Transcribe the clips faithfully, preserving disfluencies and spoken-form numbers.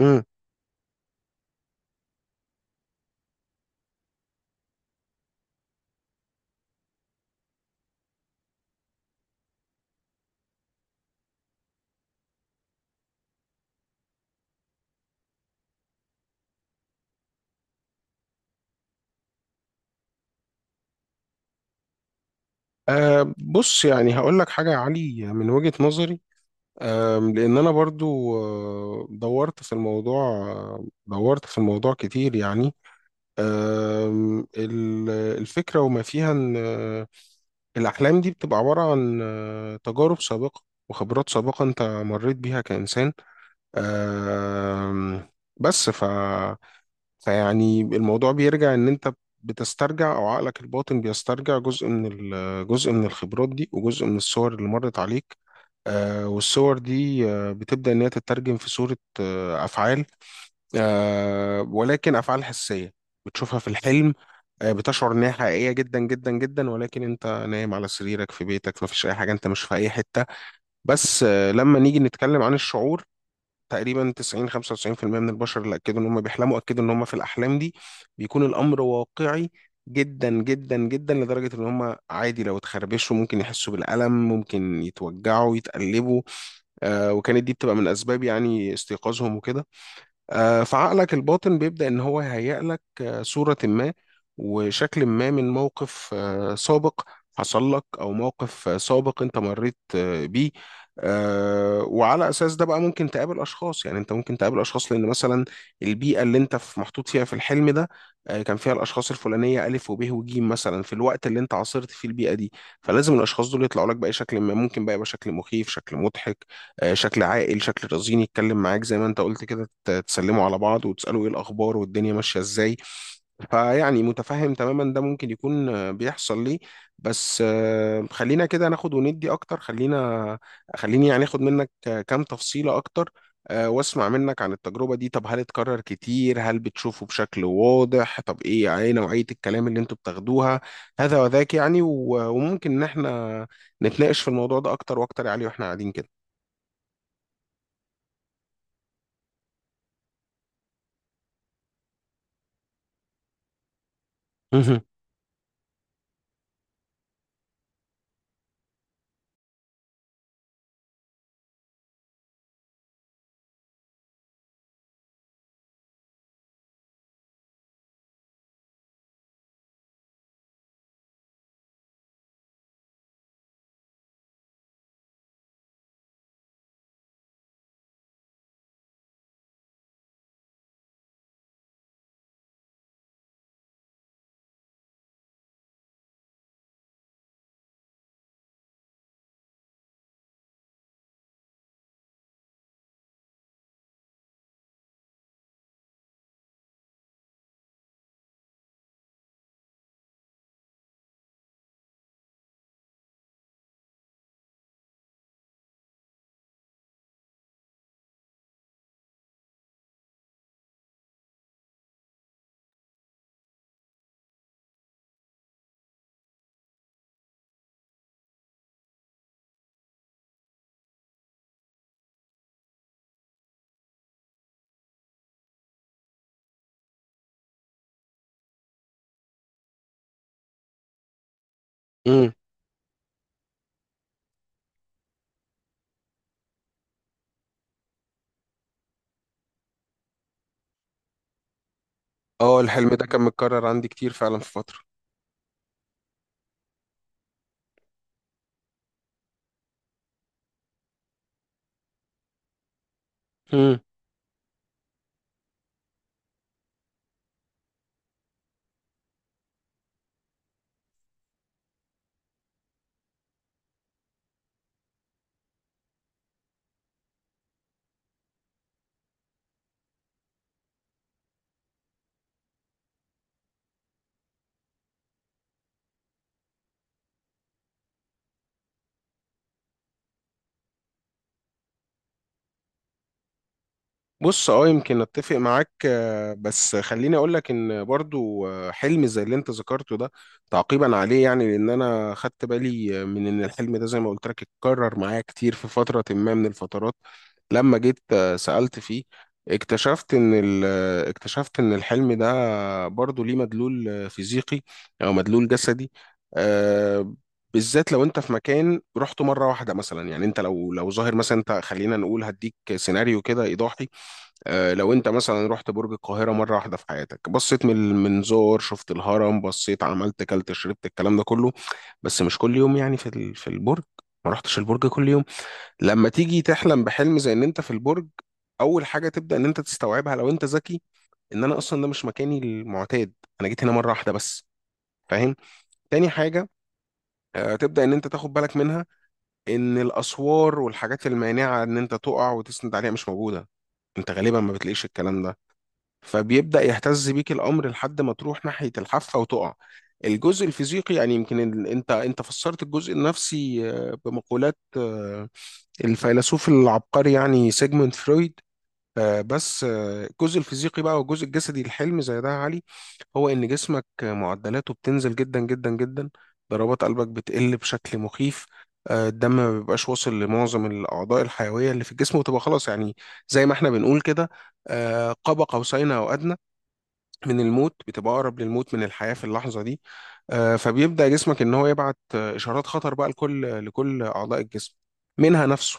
امم أه بص، يعني هقول لك حاجة يا علي من وجهة نظري. أه لأن أنا برضو آه، دورت في الموضوع، آه، دورت في الموضوع كتير يعني. آم، ال- الفكرة وما فيها إن آه، الأحلام دي بتبقى عبارة عن آه، تجارب سابقة وخبرات سابقة أنت مريت بيها كإنسان. آم، بس ف فيعني الموضوع بيرجع ان انت بتسترجع او عقلك الباطن بيسترجع جزء من ال- جزء من الخبرات دي وجزء من الصور اللي مرت عليك. آه والصور دي آه بتبدأ ان هي تترجم في صورة آه افعال، آه ولكن افعال حسية بتشوفها في الحلم. آه بتشعر انها حقيقية جدا جدا جدا، ولكن انت نايم على سريرك في بيتك، مفيش اي حاجة، انت مش في اي حتة. بس آه لما نيجي نتكلم عن الشعور، تقريبا تسعين خمسة وتسعين في المية من البشر اللي اكدوا ان هم بيحلموا، اكدوا ان هم في الاحلام دي بيكون الامر واقعي جدا جدا جدا، لدرجة ان هم عادي لو اتخربشوا ممكن يحسوا بالألم، ممكن يتوجعوا يتقلبوا. آه وكانت دي بتبقى من اسباب يعني استيقاظهم وكده. آه، فعقلك الباطن بيبدأ إن هو يهيئ لك آه، صورة ما وشكل ما من موقف آه، سابق حصل لك، أو موقف آه، سابق أنت مريت آه، بيه. آه، وعلى أساس ده بقى ممكن تقابل أشخاص، يعني أنت ممكن تقابل أشخاص لأن مثلا البيئة اللي أنت في محطوط فيها في الحلم ده، آه، كان فيها الأشخاص الفلانية ألف وب وجيم مثلا في الوقت اللي أنت عاصرت فيه البيئة دي. فلازم الأشخاص دول يطلعوا لك بأي شكل، ما ممكن بقى يبقى شكل مخيف، شكل مضحك، آه، شكل عاقل، شكل رزين، يتكلم معاك زي ما انت قلت كده، ت- تسلموا على بعض وتسألوا ايه الأخبار والدنيا ماشية ازاي. فيعني متفهم تماما ده ممكن يكون آه، بيحصل ليه. بس آه، خلينا كده ناخد وندي أكتر، خلينا خليني يعني اخد منك آه، كام تفصيلة أكتر، آه، واسمع منك عن التجربة دي. طب هل اتكرر كتير؟ هل بتشوفه بشكل واضح؟ طب ايه، يعني ايه نوعية الكلام اللي انتوا بتاخدوها؟ هذا وذاك يعني، و- وممكن ان احنا نتناقش في الموضوع ده أكتر وأكتر يا علي واحنا قاعدين كده. امم اه الحلم ده كان متكرر عندي كتير فعلا في فترة. مم. بص، اه يمكن اتفق معاك، آه، بس خليني اقول لك ان برضو آه، حلم زي اللي انت ذكرته ده، تعقيبا عليه يعني، لان انا خدت بالي من ان الحلم ده زي ما قلت لك اتكرر معايا كتير في فترة ما من الفترات. لما جيت آه، سألت فيه، اكتشفت ان ال- آه، اكتشفت ان الحلم ده برضو ليه مدلول آه، فيزيقي، او مدلول جسدي. آه، بالذات لو انت في مكان رحته مره واحده مثلا، يعني انت لو لو ظاهر مثلا، انت خلينا نقول هديك سيناريو كده ايضاحي. آه، لو انت مثلا رحت برج القاهرة مرة واحدة في حياتك، بصيت من المنظار، شفت الهرم، بصيت، عملت، كلت، شربت، الكلام ده كله. بس مش كل يوم، يعني في ال- في البرج، ما رحتش البرج كل يوم. لما تيجي تحلم بحلم زي ان انت في البرج، اول حاجة تبدأ ان انت تستوعبها لو انت ذكي، ان انا اصلا ده مش مكاني المعتاد، انا جيت هنا مرة واحدة بس. فاهم؟ تاني حاجة، آه، تبدأ ان انت تاخد بالك منها ان الاسوار والحاجات المانعة ان انت تقع وتسند عليها مش موجودة، انت غالبا ما بتلاقيش الكلام ده. فبيبدأ يهتز بيك الأمر لحد ما تروح ناحية الحافة وتقع. الجزء الفيزيقي يعني، يمكن ال... انت انت فسرت الجزء النفسي آه، بمقولات آه، الفيلسوف العبقري يعني سيجموند فرويد. آه، بس آه، الجزء الفيزيقي بقى والجزء الجسدي الحلم زي ده يا علي، هو ان جسمك آه، معدلاته بتنزل جدا جدا جدا، ضربات قلبك بتقل بشكل مخيف. آه، الدم ما بيبقاش واصل لمعظم الاعضاء الحيويه اللي في الجسم، وتبقى خلاص يعني زي ما احنا بنقول كده، آه، قاب قوسين او ادنى من الموت، بتبقى اقرب للموت من الحياه في اللحظه دي. آه، فبيبدا جسمك ان هو يبعت آه، اشارات خطر بقى، لكل لكل اعضاء الجسم، منها نفسه.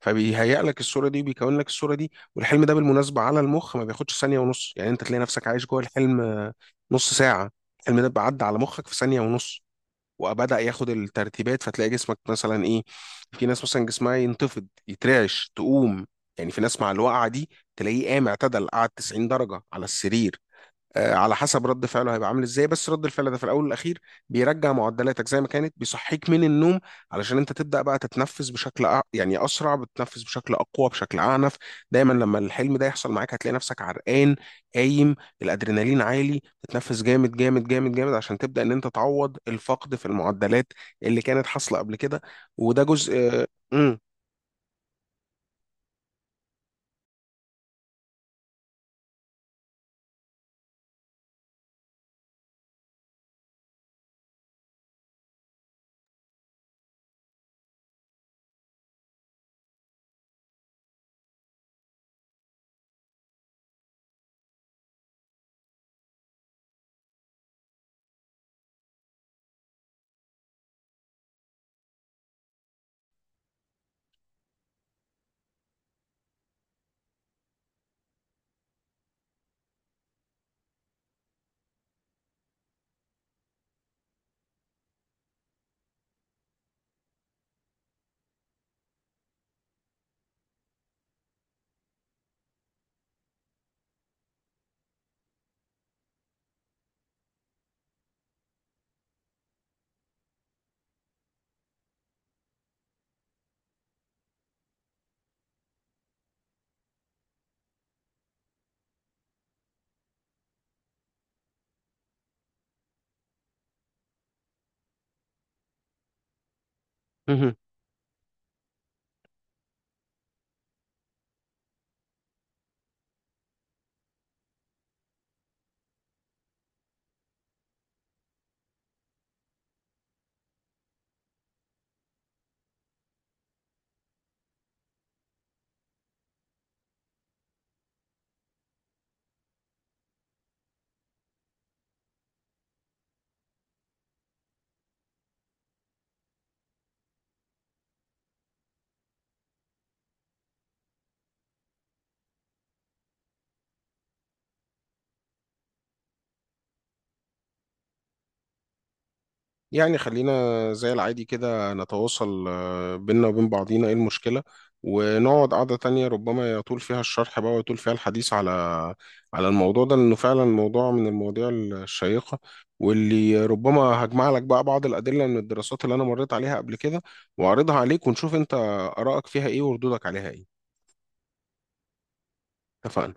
فبيهيئ لك الصوره دي وبيكون لك الصوره دي، والحلم ده بالمناسبه على المخ ما بياخدش ثانيه ونص، يعني انت تلاقي نفسك عايش جوه الحلم آه، نص ساعه. الحلم ده بيعدي على مخك في ثانيه ونص، وبدأ ياخد الترتيبات، فتلاقي جسمك مثلا ايه. في ناس مثلا جسمها ينتفض، يترعش، تقوم، يعني في ناس مع الوقعه دي تلاقيه قام، اعتدل، قعد تسعين درجه على السرير. آه، على حسب رد فعله هيبقى عامل ازاي، بس رد الفعل ده في الاول والاخير بيرجع معدلاتك زي ما كانت، بيصحيك من النوم. علشان انت تبدا بقى تتنفس بشكل أ... يعني اسرع، بتتنفس بشكل اقوى، بشكل اعنف. دايما لما الحلم ده يحصل معاك، هتلاقي نفسك عرقان، قايم، الادرينالين عالي، بتتنفس جامد جامد جامد جامد عشان تبدا ان انت تعوض الفقد في المعدلات اللي كانت حاصله قبل كده. وده جزء. امم يعني خلينا زي العادي كده نتواصل آه، بينا وبين بعضينا، ايه المشكلة؟ ونقعد قعدة تانية ربما يطول فيها الشرح بقى ويطول فيها الحديث على على الموضوع ده، لأنه فعلا موضوع من المواضيع الشيقة، واللي ربما هجمع لك بقى بعض الأدلة من الدراسات اللي أنا مريت عليها قبل كده، وأعرضها عليك، ونشوف أنت آرائك فيها ايه وردودك عليها ايه. اتفقنا.